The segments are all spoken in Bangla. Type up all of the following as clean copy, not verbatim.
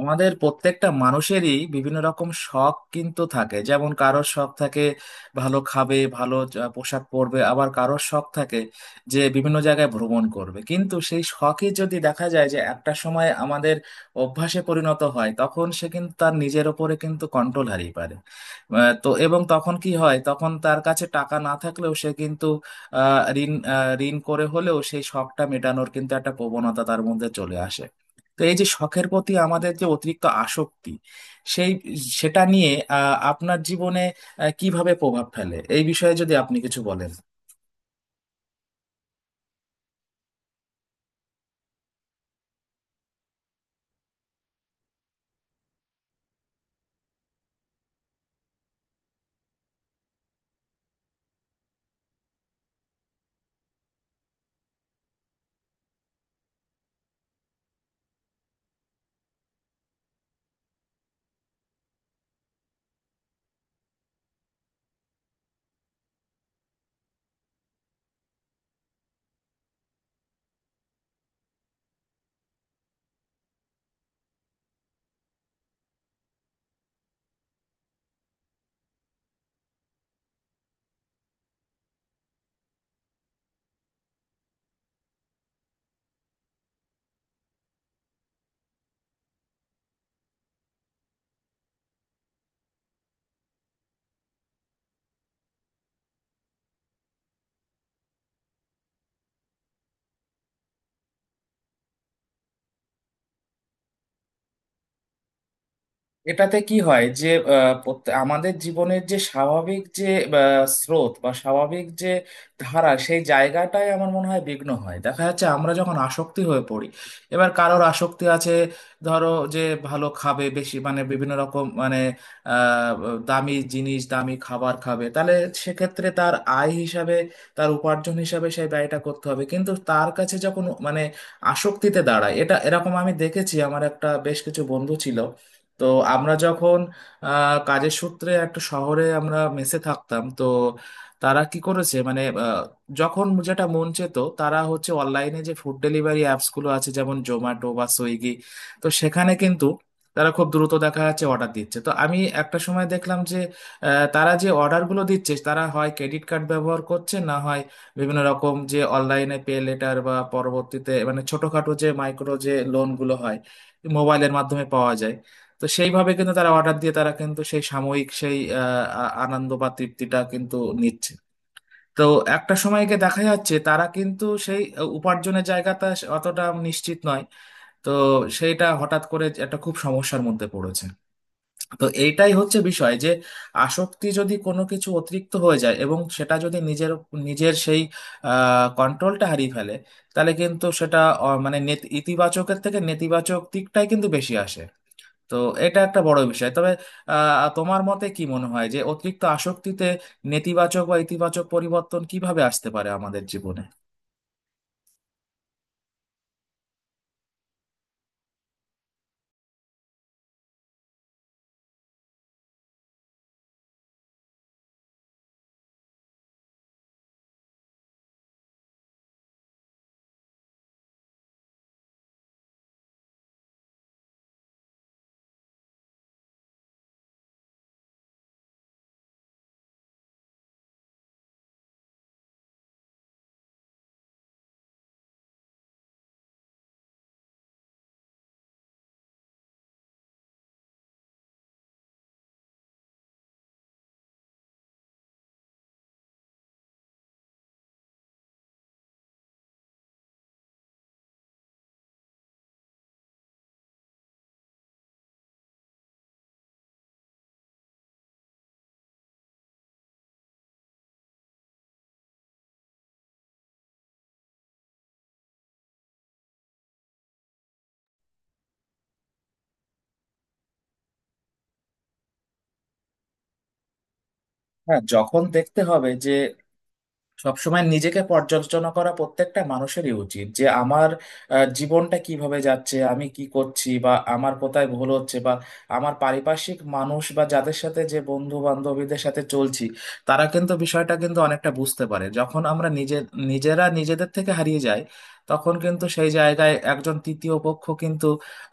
আমাদের প্রত্যেকটা মানুষেরই বিভিন্ন রকম শখ কিন্তু থাকে, যেমন কারোর শখ থাকে ভালো খাবে, ভালো পোশাক পরবে, আবার কারোর শখ থাকে যে বিভিন্ন জায়গায় ভ্রমণ করবে। কিন্তু সেই শখই যদি দেখা যায় যে একটা সময় আমাদের অভ্যাসে পরিণত হয়, তখন সে কিন্তু তার নিজের ওপরে কিন্তু কন্ট্রোল হারিয়ে পারে। আহ, তো এবং তখন কি হয়, তখন তার কাছে টাকা না থাকলেও সে কিন্তু ঋণ ঋণ করে হলেও সেই শখটা মেটানোর কিন্তু একটা প্রবণতা তার মধ্যে চলে আসে। তো এই যে শখের প্রতি আমাদের যে অতিরিক্ত আসক্তি, সেই সেটা নিয়ে আপনার জীবনে কিভাবে প্রভাব ফেলে, এই বিষয়ে যদি আপনি কিছু বলেন। এটাতে কি হয় যে আমাদের জীবনের যে স্বাভাবিক যে স্রোত বা স্বাভাবিক যে ধারা, সেই জায়গাটাই আমার মনে হয় বিঘ্ন হয়। দেখা যাচ্ছে আমরা যখন আসক্তি হয়ে পড়ি, এবার কারোর আসক্তি আছে ধরো যে ভালো খাবে বেশি, মানে বিভিন্ন রকম মানে আহ, দামি জিনিস দামি খাবার খাবে, তাহলে সেক্ষেত্রে তার আয় হিসাবে, তার উপার্জন হিসাবে সেই ব্যয়টা করতে হবে। কিন্তু তার কাছে যখন মানে আসক্তিতে দাঁড়ায়, এটা এরকম আমি দেখেছি। আমার একটা বেশ কিছু বন্ধু ছিল, তো আমরা যখন কাজের সূত্রে একটা শহরে আমরা মেসে থাকতাম। তো তারা কি করেছে, মানে যখন যেটা মন চেত তারা হচ্ছে অনলাইনে যে ফুড ডেলিভারি অ্যাপস গুলো আছে, যেমন জোম্যাটো বা সুইগি, তো সেখানে কিন্তু তারা খুব দ্রুত দেখা যাচ্ছে অর্ডার দিচ্ছে। তো আমি একটা সময় দেখলাম যে তারা যে অর্ডারগুলো দিচ্ছে, তারা হয় ক্রেডিট কার্ড ব্যবহার করছে, না হয় বিভিন্ন রকম যে অনলাইনে পে লেটার বা পরবর্তীতে মানে ছোটখাটো যে মাইক্রো যে লোনগুলো হয় মোবাইলের মাধ্যমে পাওয়া যায়, তো সেইভাবে কিন্তু তারা অর্ডার দিয়ে তারা কিন্তু সেই সাময়িক সেই আনন্দ বা তৃপ্তিটা কিন্তু নিচ্ছে। তো একটা সময় গিয়ে দেখা যাচ্ছে তারা কিন্তু সেই উপার্জনের জায়গাটা অতটা নিশ্চিত নয়, তো সেইটা হঠাৎ করে একটা খুব সমস্যার মধ্যে পড়েছে। তো এইটাই হচ্ছে বিষয় যে আসক্তি যদি কোনো কিছু অতিরিক্ত হয়ে যায় এবং সেটা যদি নিজের নিজের সেই কন্ট্রোলটা হারিয়ে ফেলে, তাহলে কিন্তু সেটা ইতিবাচকের থেকে নেতিবাচক দিকটাই কিন্তু বেশি আসে। তো এটা একটা বড় বিষয়। তবে তোমার মতে কি মনে হয় যে অতিরিক্ত আসক্তিতে নেতিবাচক বা ইতিবাচক পরিবর্তন কিভাবে আসতে পারে আমাদের জীবনে? হ্যাঁ, যখন দেখতে হবে যে সবসময় নিজেকে পর্যালোচনা করা প্রত্যেকটা মানুষেরই উচিত যে আমার জীবনটা কিভাবে যাচ্ছে, আমি কি করছি, বা আমার কোথায় ভুল হচ্ছে, বা আমার পারিপার্শ্বিক মানুষ বা যাদের সাথে যে বন্ধু বান্ধবীদের সাথে চলছি, তারা কিন্তু বিষয়টা কিন্তু অনেকটা বুঝতে পারে। যখন আমরা নিজে নিজেরা নিজেদের থেকে হারিয়ে যাই, তখন কিন্তু সেই জায়গায় একজন তৃতীয় পক্ষ কিন্তু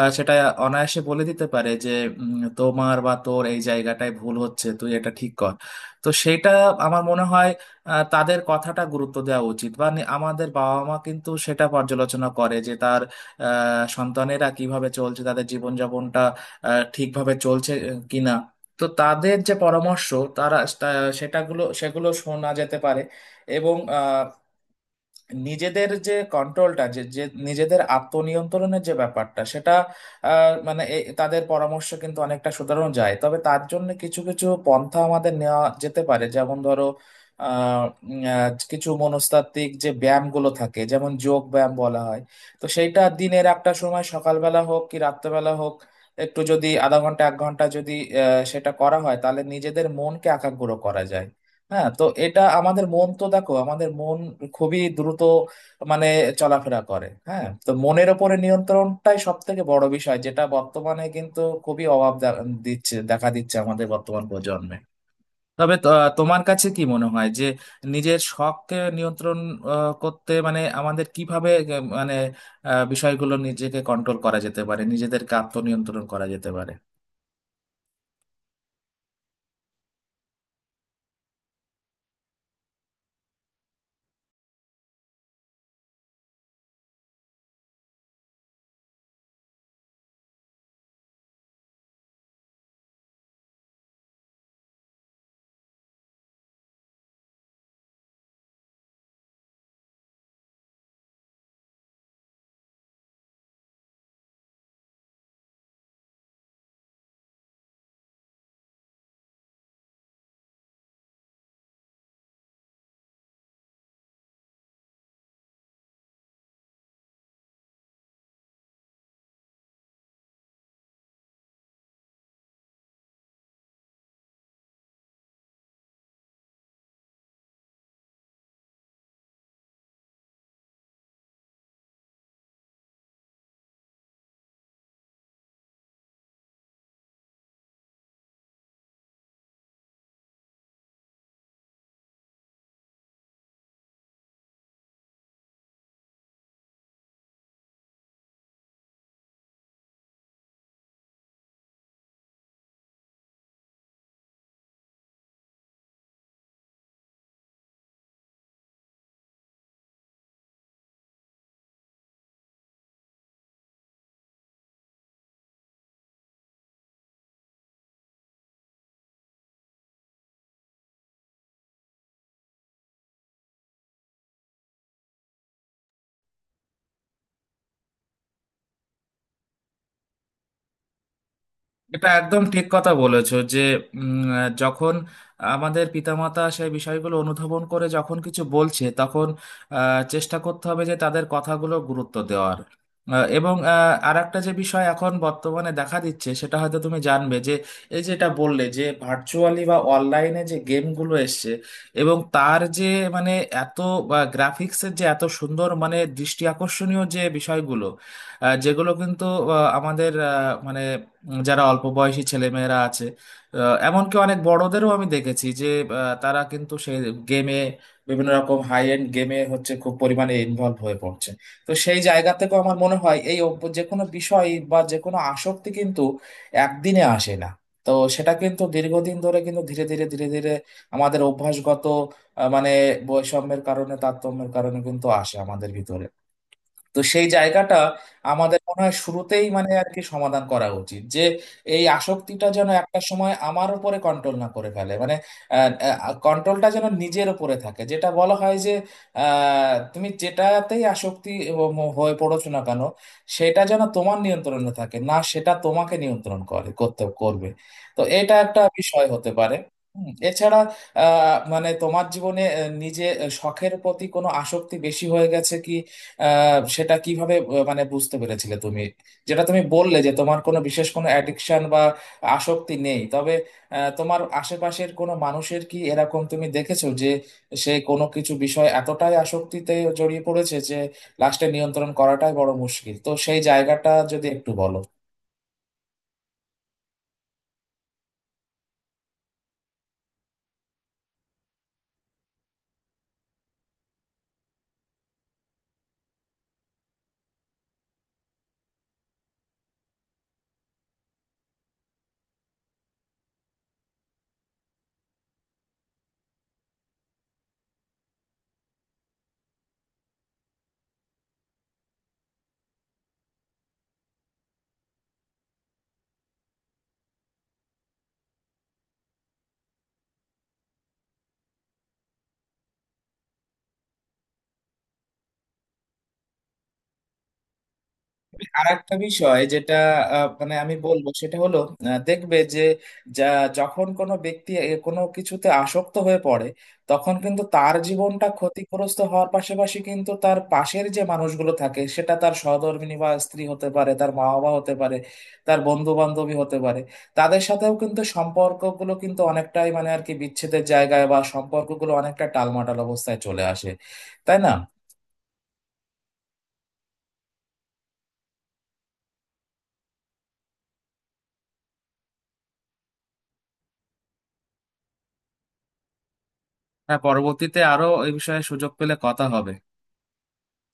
সেটা অনায়াসে বলে দিতে পারে যে তোমার বা তোর এই জায়গাটায় ভুল হচ্ছে, তুই এটা ঠিক কর। তো সেটা আমার মনে হয় তাদের কথাটা গুরুত্ব দেওয়া উচিত। আমাদের বাবা মা কিন্তু সেটা পর্যালোচনা করে যে তার সন্তানেরা কিভাবে চলছে, তাদের জীবনযাপনটা ঠিকভাবে চলছে কিনা। তো তাদের যে পরামর্শ তারা সেটাগুলো সেগুলো শোনা যেতে পারে এবং নিজেদের যে কন্ট্রোলটা যে যে নিজেদের আত্মনিয়ন্ত্রণের যে ব্যাপারটা, সেটা তাদের পরামর্শ কিন্তু অনেকটা শুধানো যায়। তবে তার জন্য কিছু কিছু পন্থা আমাদের নেওয়া যেতে পারে, যেমন ধরো আহ, কিছু মনস্তাত্ত্বিক যে ব্যায়ামগুলো থাকে, যেমন যোগ ব্যায়াম বলা হয়, তো সেইটা দিনের একটা সময় সকালবেলা হোক কি রাত্রেবেলা হোক একটু যদি আধা ঘন্টা এক ঘন্টা যদি সেটা করা হয়, তাহলে নিজেদের মনকে একাগ্র করা যায়। হ্যাঁ, তো এটা আমাদের মন, তো দেখো আমাদের মন খুবই দ্রুত মানে চলাফেরা করে। হ্যাঁ, তো মনের ওপরে নিয়ন্ত্রণটাই সব থেকে বড় বিষয়, যেটা বর্তমানে কিন্তু খুবই অভাব দিচ্ছে, দেখা দিচ্ছে আমাদের বর্তমান প্রজন্মে। তবে তোমার কাছে কি মনে হয় যে নিজের শখকে নিয়ন্ত্রণ করতে মানে আমাদের কিভাবে আহ, মানে বিষয়গুলো নিজেকে কন্ট্রোল করা যেতে পারে, নিজেদেরকে আত্মনিয়ন্ত্রণ করা যেতে পারে? এটা একদম ঠিক কথা বলেছো যে যখন আমাদের পিতামাতা সেই বিষয়গুলো অনুধাবন করে যখন কিছু বলছে, তখন চেষ্টা করতে হবে যে তাদের কথাগুলো গুরুত্ব দেওয়ার। এবং আর একটা যে বিষয় এখন বর্তমানে দেখা দিচ্ছে, সেটা হয়তো তুমি জানবে যে এই যেটা বললে যে ভার্চুয়ালি বা অনলাইনে যে গেমগুলো এসছে এবং তার যে মানে এত বা গ্রাফিক্সের যে এত সুন্দর মানে দৃষ্টি আকর্ষণীয় যে বিষয়গুলো, যেগুলো কিন্তু আমাদের মানে যারা অল্প বয়সী ছেলেমেয়েরা আছে, এমনকি অনেক বড়দেরও আমি দেখেছি যে তারা কিন্তু সেই গেমে বিভিন্ন রকম হাই এন্ড গেমে হচ্ছে খুব পরিমাণে ইনভলভ হয়ে পড়ছে। তো সেই জায়গা থেকেও আমার মনে হয় এই যে কোনো বিষয় বা যে কোনো আসক্তি কিন্তু একদিনে আসে না। তো সেটা কিন্তু দীর্ঘদিন ধরে কিন্তু ধীরে ধীরে ধীরে ধীরে আমাদের অভ্যাসগত আহ, মানে বৈষম্যের কারণে তারতম্যের কারণে কিন্তু আসে আমাদের ভিতরে। তো সেই জায়গাটা আমাদের মনে হয় শুরুতেই মানে আর কি সমাধান করা উচিত, যে এই আসক্তিটা যেন একটা সময় আমার উপরে কন্ট্রোল না করে ফেলে, মানে কন্ট্রোলটা যেন নিজের উপরে থাকে। যেটা বলা হয় যে তুমি যেটাতেই আসক্তি এবং হয়ে পড়ছো না কেন, সেটা যেন তোমার নিয়ন্ত্রণে থাকে, না সেটা তোমাকে নিয়ন্ত্রণ করে করতে করবে। তো এটা একটা বিষয় হতে পারে। হুম, এছাড়া মানে তোমার জীবনে নিজে শখের প্রতি কোনো আসক্তি বেশি হয়ে গেছে কি, সেটা কিভাবে মানে বুঝতে পেরেছিলে তুমি? যেটা তুমি বললে যে তোমার কোনো বিশেষ কোনো অ্যাডিকশন বা আসক্তি নেই, তবে তোমার আশেপাশের কোনো মানুষের কি এরকম তুমি দেখেছো যে সে কোনো কিছু বিষয় এতটাই আসক্তিতে জড়িয়ে পড়েছে যে লাস্টে নিয়ন্ত্রণ করাটাই বড় মুশকিল, তো সেই জায়গাটা যদি একটু বলো। আর একটা বিষয় যেটা আহ, মানে আমি বলবো সেটা হলো দেখবে যে যা যখন কোনো ব্যক্তি এ কোনো কিছুতে আসক্ত হয়ে পড়ে, তখন কিন্তু তার জীবনটা ক্ষতিগ্রস্ত হওয়ার পাশাপাশি কিন্তু তার পাশের যে মানুষগুলো থাকে, সেটা তার সহধর্মিণী বা স্ত্রী হতে পারে, তার মা বাবা হতে পারে, তার বন্ধু বান্ধবী হতে পারে, তাদের সাথেও কিন্তু সম্পর্কগুলো কিন্তু অনেকটাই মানে আর কি বিচ্ছেদের জায়গায় বা সম্পর্কগুলো অনেকটা টালমাটাল অবস্থায় চলে আসে, তাই না? হ্যাঁ, পরবর্তীতে আরো এই বিষয়ে সুযোগ পেলে কথা হবে।